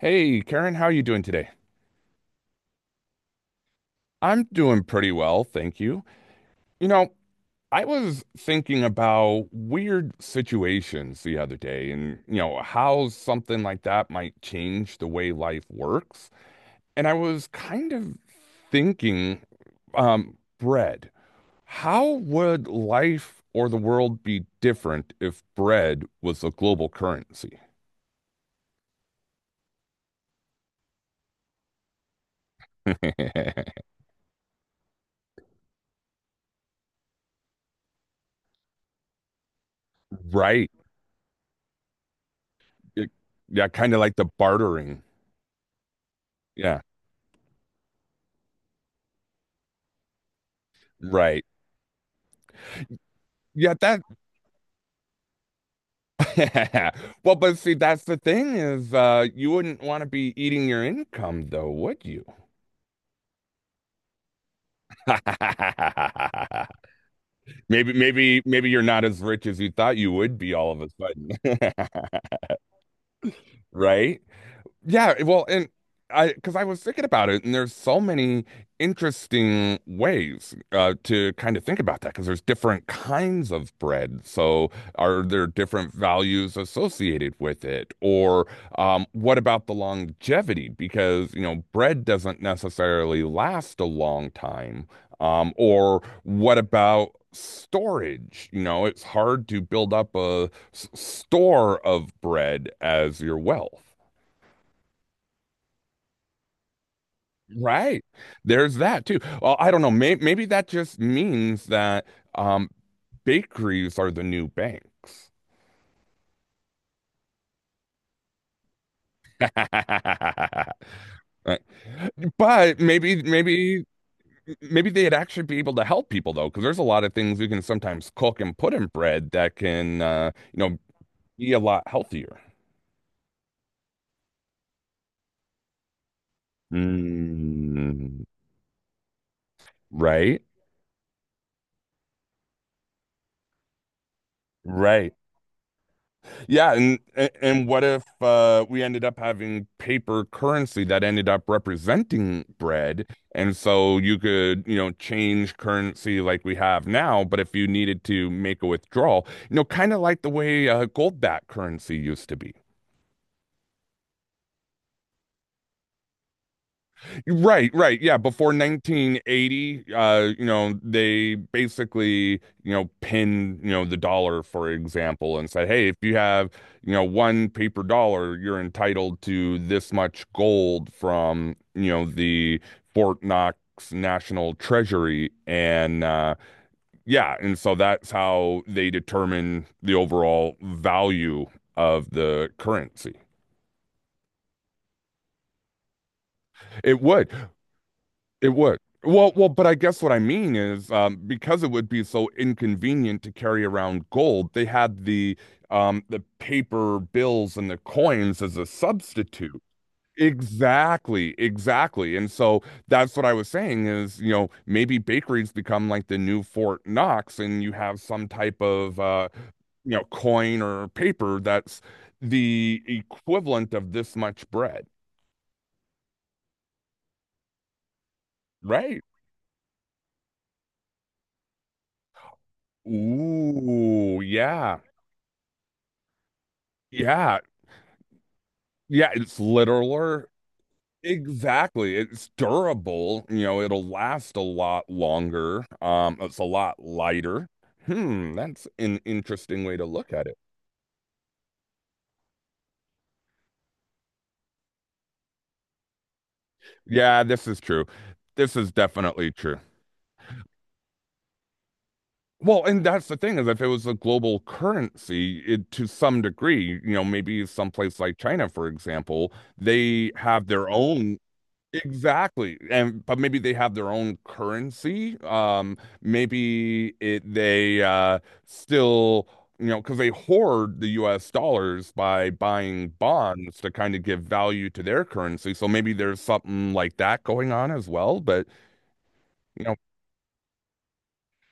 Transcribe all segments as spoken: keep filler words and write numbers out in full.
Hey, Karen, how are you doing today? I'm doing pretty well, thank you. You know, I was thinking about weird situations the other day and, you know, how something like that might change the way life works. And I was kind of thinking, um, bread. How would life or the world be different if bread was a global currency? Right. It- yeah, kind of like the bartering. Yeah, right. Yeah, that. Well, but see, that's the thing is, uh, you wouldn't want to be eating your income, though, would you? Maybe, maybe, maybe you're not as rich as you thought you would be all of a sudden. Right? Yeah, well, and I because I was thinking about it, and there's so many interesting ways uh, to kind of think about that because there's different kinds of bread. So are there different values associated with it? Or um, what about the longevity? Because, you know, bread doesn't necessarily last a long time. Um, or what about storage? You know, it's hard to build up a s- store of bread as your wealth. Right. There's that too. Well, I don't know. May maybe that just means that um, bakeries are the new banks. Right. But maybe, maybe, maybe they'd actually be able to help people though, because there's a lot of things you can sometimes cook and put in bread that can, uh, you know, be a lot healthier. Mm, right. Right. Yeah, and and what if uh, we ended up having paper currency that ended up representing bread, and so you could, you know, change currency like we have now, but if you needed to make a withdrawal, you know, kind of like the way uh, gold-backed currency used to be. Right, right. Yeah, before nineteen eighty, uh, you know, they basically, you know, pinned, you know, the dollar, for example, and said, hey, if you have, you know, one paper dollar, you're entitled to this much gold from, you know, the Fort Knox National Treasury. And uh, yeah, and so that's how they determine the overall value of the currency. It would. It would. Well, well, but I guess what I mean is um, because it would be so inconvenient to carry around gold, they had the um, the paper bills and the coins as a substitute. Exactly, exactly. And so that's what I was saying is, you know, maybe bakeries become like the new Fort Knox, and you have some type of uh, you know, coin or paper that's the equivalent of this much bread, right? Ooh, yeah. Yeah, yeah, it's littler. Exactly. It's durable. You know, it'll last a lot longer. Um, it's a lot lighter. Hmm, that's an interesting way to look at it. Yeah, this is true. This is definitely true. Well, and that's the thing is if it was a global currency, it, to some degree, you know, maybe someplace like China, for example, they have their own. Exactly. And but maybe they have their own currency. Um, maybe it they uh still, you know, because they hoard the U S dollars by buying bonds to kind of give value to their currency. So maybe there's something like that going on as well, but you know,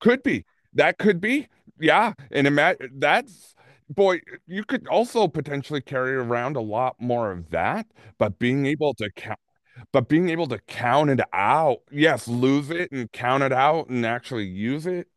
could be. That could be. Yeah. And imagine that's boy, you could also potentially carry around a lot more of that, but being able to count but being able to count it out, yes, lose it and count it out and actually use it.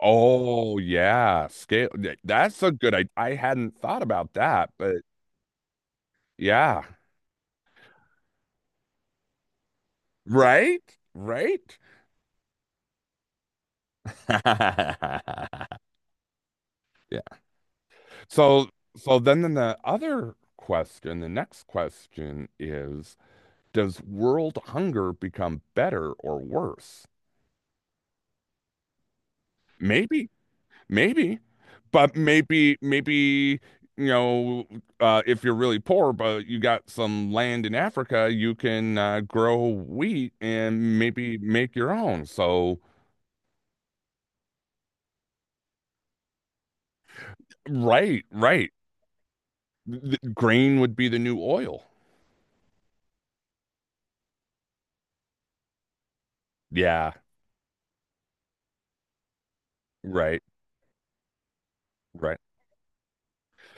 Oh, yeah. Scale. th- That's a good idea. I hadn't thought about that, but yeah. Right? Right? Yeah. So, so then, then the other question, the next question is, does world hunger become better or worse? Maybe Maybe, but maybe, maybe, you know, uh, if you're really poor, but you got some land in Africa, you can uh, grow wheat and maybe make your own. So, right, right. Th- grain would be the new oil. Yeah, right, right.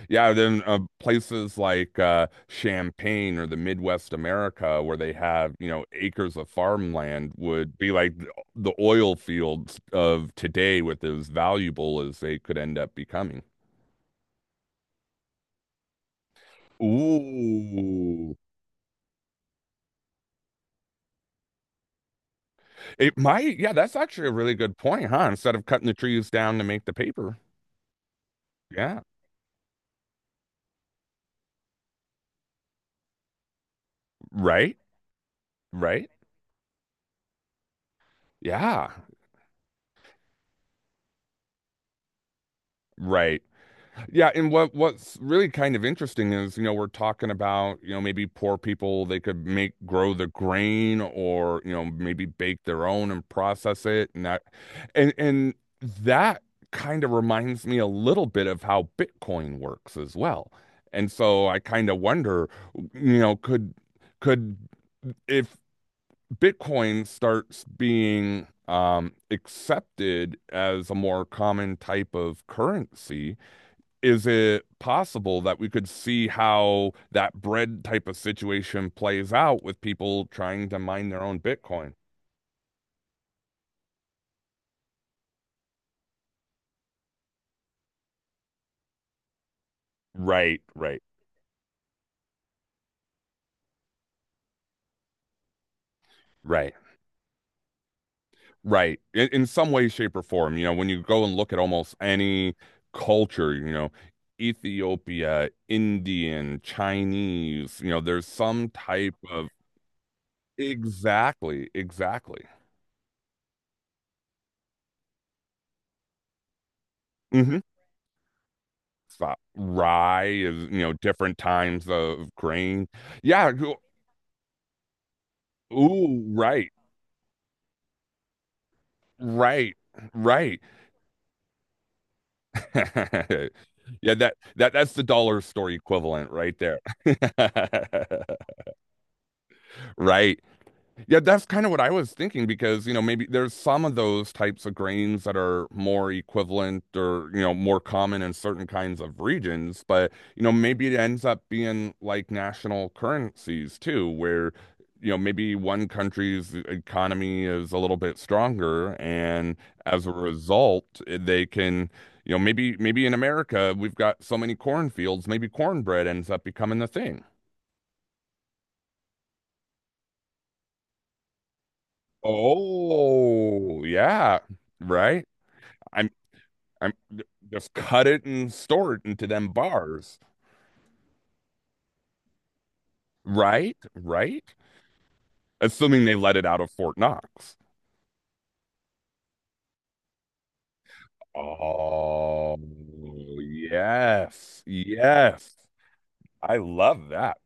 Yeah, then uh, places like uh, Champaign or the Midwest America, where they have, you know, acres of farmland, would be like th- the oil fields of today with as valuable as they could end up becoming. Ooh. It might, yeah, that's actually a really good point, huh? Instead of cutting the trees down to make the paper. Yeah, right, right. Yeah, right. Yeah, and what what's really kind of interesting is, you know, we're talking about, you know, maybe poor people, they could make grow the grain or, you know, maybe bake their own and process it and that and and that kind of reminds me a little bit of how Bitcoin works as well. And so I kind of wonder, you know, could could if Bitcoin starts being um accepted as a more common type of currency, is it possible that we could see how that bread type of situation plays out with people trying to mine their own Bitcoin? Right, right, right. Right. In, in some way, shape, or form, you know, when you go and look at almost any culture, you know, Ethiopia, Indian, Chinese, you know, there's some type of. Exactly, exactly. hmm Stop. Rye is, you know, different times of grain. Yeah. go- Ooh, right. Right. Right. Yeah, that that that's the dollar store equivalent right there. Right. Yeah, that's kind of what I was thinking because, you know, maybe there's some of those types of grains that are more equivalent or, you know, more common in certain kinds of regions, but, you know, maybe it ends up being like national currencies too, where, you know, maybe one country's e, economy is a little bit stronger and as a result, eh, they can, you know, maybe maybe in America we've got so many cornfields, maybe cornbread ends up becoming the thing. Oh, yeah, right. I'm. I'm just cut it and store it into them bars. Right? Right? Assuming they let it out of Fort Knox. Oh, yes. Yes. I love that.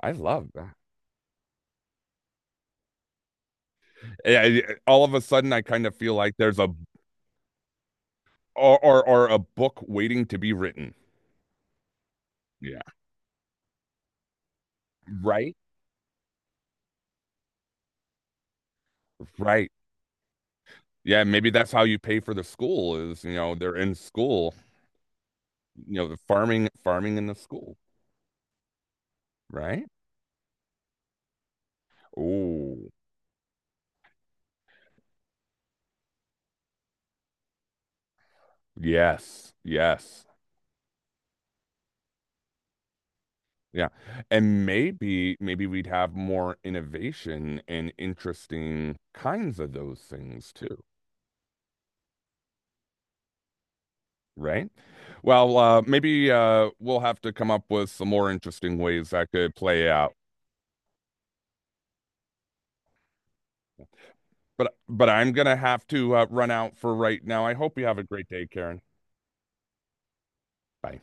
I love that. I- I- all of a sudden, I kind of feel like there's a or, or or a book waiting to be written. Yeah. Right? Right. Yeah, maybe that's how you pay for the school is, you know, they're in school, you know, the farming farming in the school, right? Oh. Yes. Yes. Yeah. And maybe maybe we'd have more innovation and interesting kinds of those things too, right? Well, uh maybe uh we'll have to come up with some more interesting ways that could play out. But but I'm gonna have to uh, run out for right now. I hope you have a great day, Karen. Bye.